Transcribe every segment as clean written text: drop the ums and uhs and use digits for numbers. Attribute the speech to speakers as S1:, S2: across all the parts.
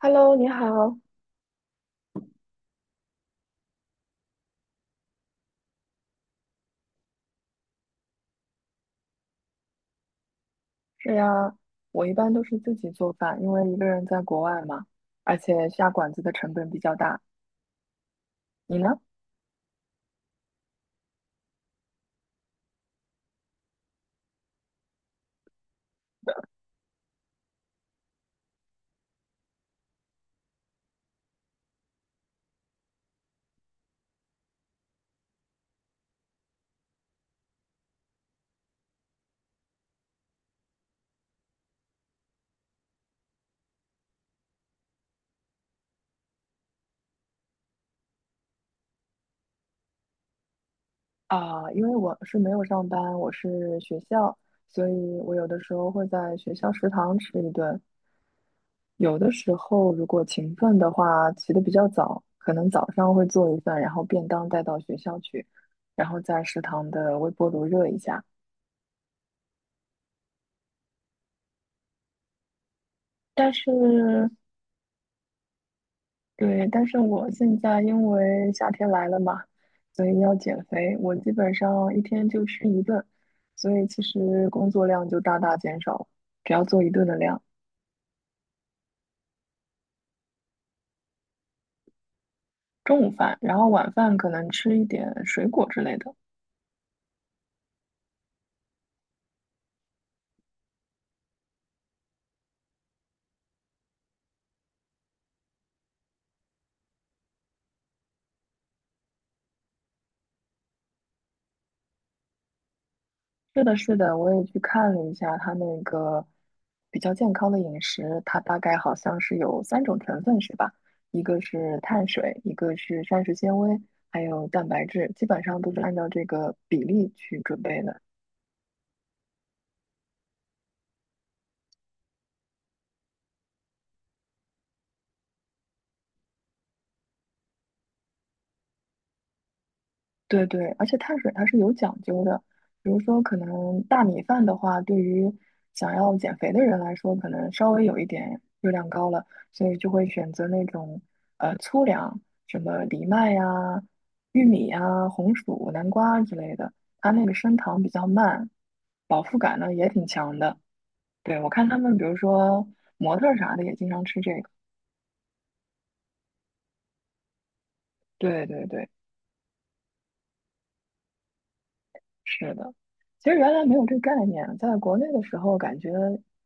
S1: Hello，你好。是呀，我一般都是自己做饭，因为一个人在国外嘛，而且下馆子的成本比较大。你呢？啊，因为我是没有上班，我是学校，所以我有的时候会在学校食堂吃一顿。有的时候如果勤奋的话，起得比较早，可能早上会做一份，然后便当带到学校去，然后在食堂的微波炉热一下。但是对，但是我现在因为夏天来了嘛，所以要减肥，我基本上一天就吃一顿，所以其实工作量就大大减少，只要做一顿的量，中午饭，然后晚饭可能吃一点水果之类的。是的，是的，我也去看了一下它那个比较健康的饮食，它大概好像是有三种成分是吧？一个是碳水，一个是膳食纤维，还有蛋白质，基本上都是按照这个比例去准备的。对对，而且碳水它是有讲究的，比如说可能大米饭的话，对于想要减肥的人来说，可能稍微有一点热量高了，所以就会选择那种粗粮，什么藜麦呀、玉米呀、红薯、南瓜之类的，它那个升糖比较慢，饱腹感呢也挺强的。对，我看他们，比如说模特儿啥的也经常吃这个。对对对。是的，其实原来没有这概念，在国内的时候感觉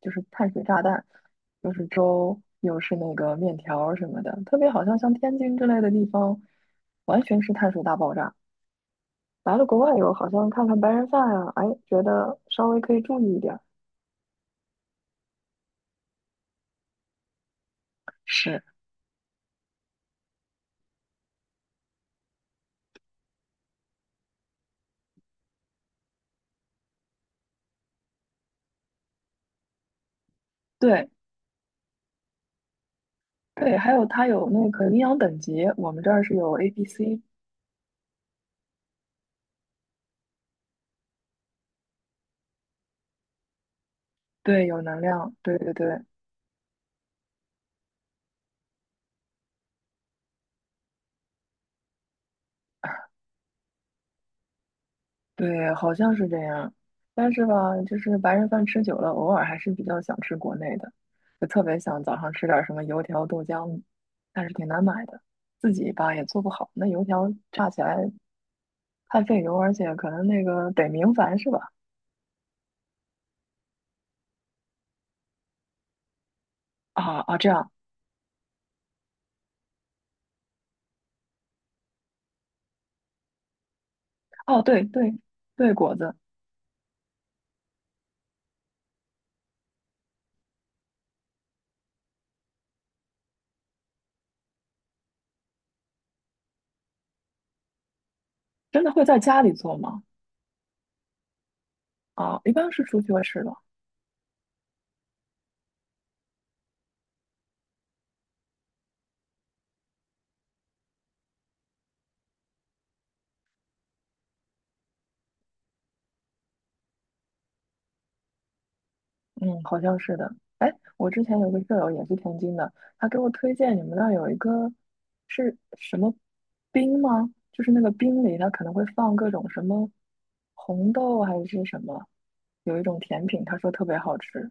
S1: 就是碳水炸弹，又是粥，又是那个面条儿什么的，特别好像像天津之类的地方，完全是碳水大爆炸。来了国外以后，好像看看白人饭啊，哎，觉得稍微可以注意一点儿。是，对对，还有它有那个营养等级，我们这儿是有 A、B、C，对，有能量，对对对，对，好像是这样。但是吧，就是白人饭吃久了，偶尔还是比较想吃国内的，就特别想早上吃点什么油条、豆浆，但是挺难买的，自己吧也做不好。那油条炸起来太费油，而且可能那个得明矾是吧？啊啊，这样。哦，对对对，果子真的会在家里做吗？啊，一般是出去会吃的。嗯，好像是的。哎，我之前有个舍友也是天津的，他给我推荐你们那儿有一个是什么冰吗？就是那个冰里它可能会放各种什么红豆还是什么，有一种甜品，他说特别好吃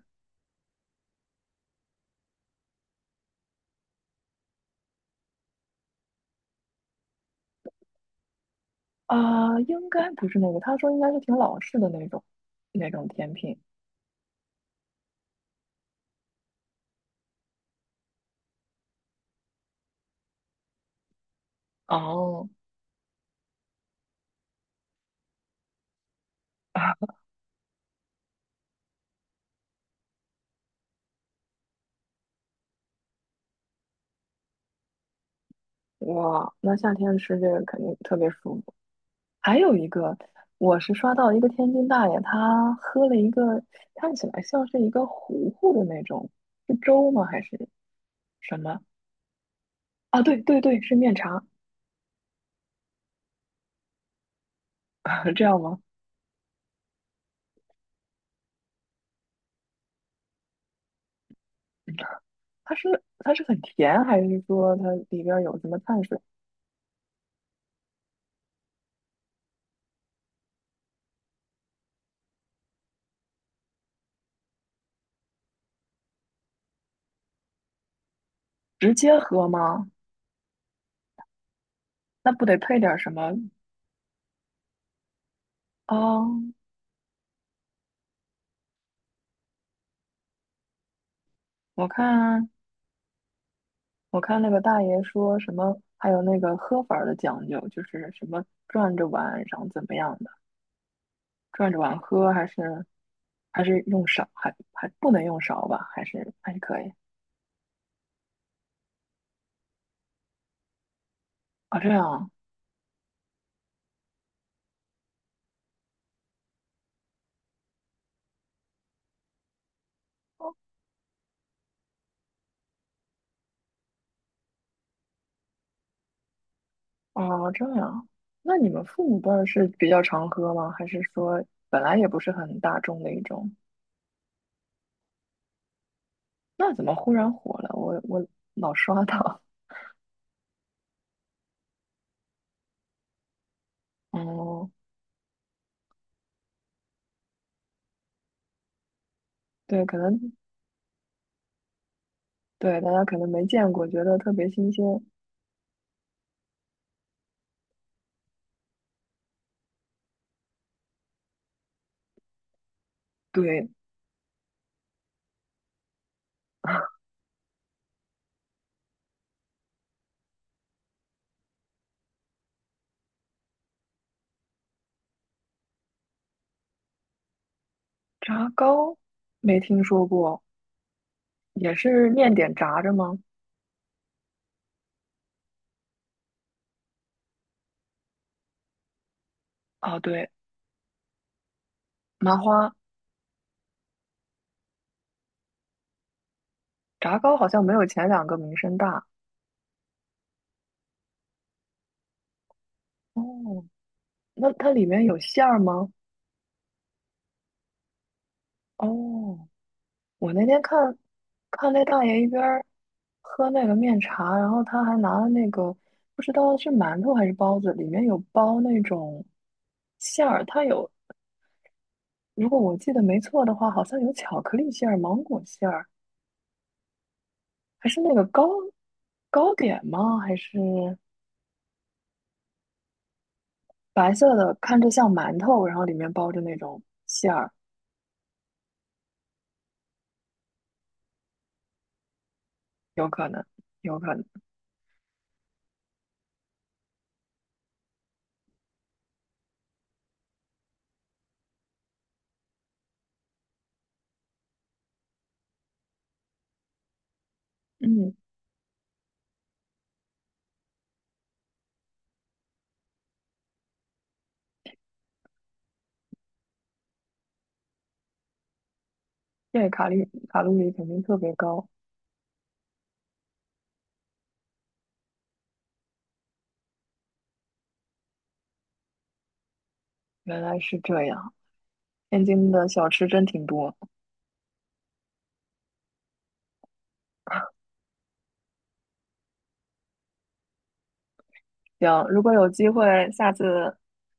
S1: 啊，应该不是那个，他说应该是挺老式的那种甜品。哦，哇，那夏天吃这个肯定特别舒服。还有一个，我是刷到一个天津大爷，他喝了一个看起来像是一个糊糊的那种，是粥吗还是什么？啊，对对对，是面茶，这样吗？嗯它是很甜，还是说它里边儿有什么碳水？直接喝吗？那不得配点儿什么啊？我看我看那个大爷说什么，还有那个喝法儿的讲究，就是什么转着碗，然后怎么样的。转着碗喝还是还是用勺？还不能用勺吧？还是可以啊？这样啊哦，这样。那你们父母辈儿是比较常喝吗？还是说本来也不是很大众的一种？那怎么忽然火了？我老刷到。哦，对，可能对大家可能没见过，觉得特别新鲜。对，炸糕没听说过，也是面点炸着吗？啊，对，麻花炸糕好像没有前两个名声大。哦，那它里面有馅儿吗？哦，我那天看看那大爷一边儿喝那个面茶，然后他还拿了那个不知道是馒头还是包子，里面有包那种馅儿，它有，如果我记得没错的话，好像有巧克力馅儿、芒果馅儿，还是那个糕点吗？还是白色的，看着像馒头，然后里面包着那种馅儿，有可能，有可能，嗯，对，卡路里肯定特别高。原来是这样，天津的小吃真挺多。行，如果有机会下次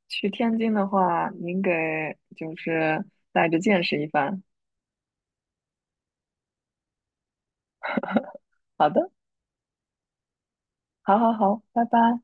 S1: 去天津的话，您给就是带着见识一番。好的，好好好，拜拜。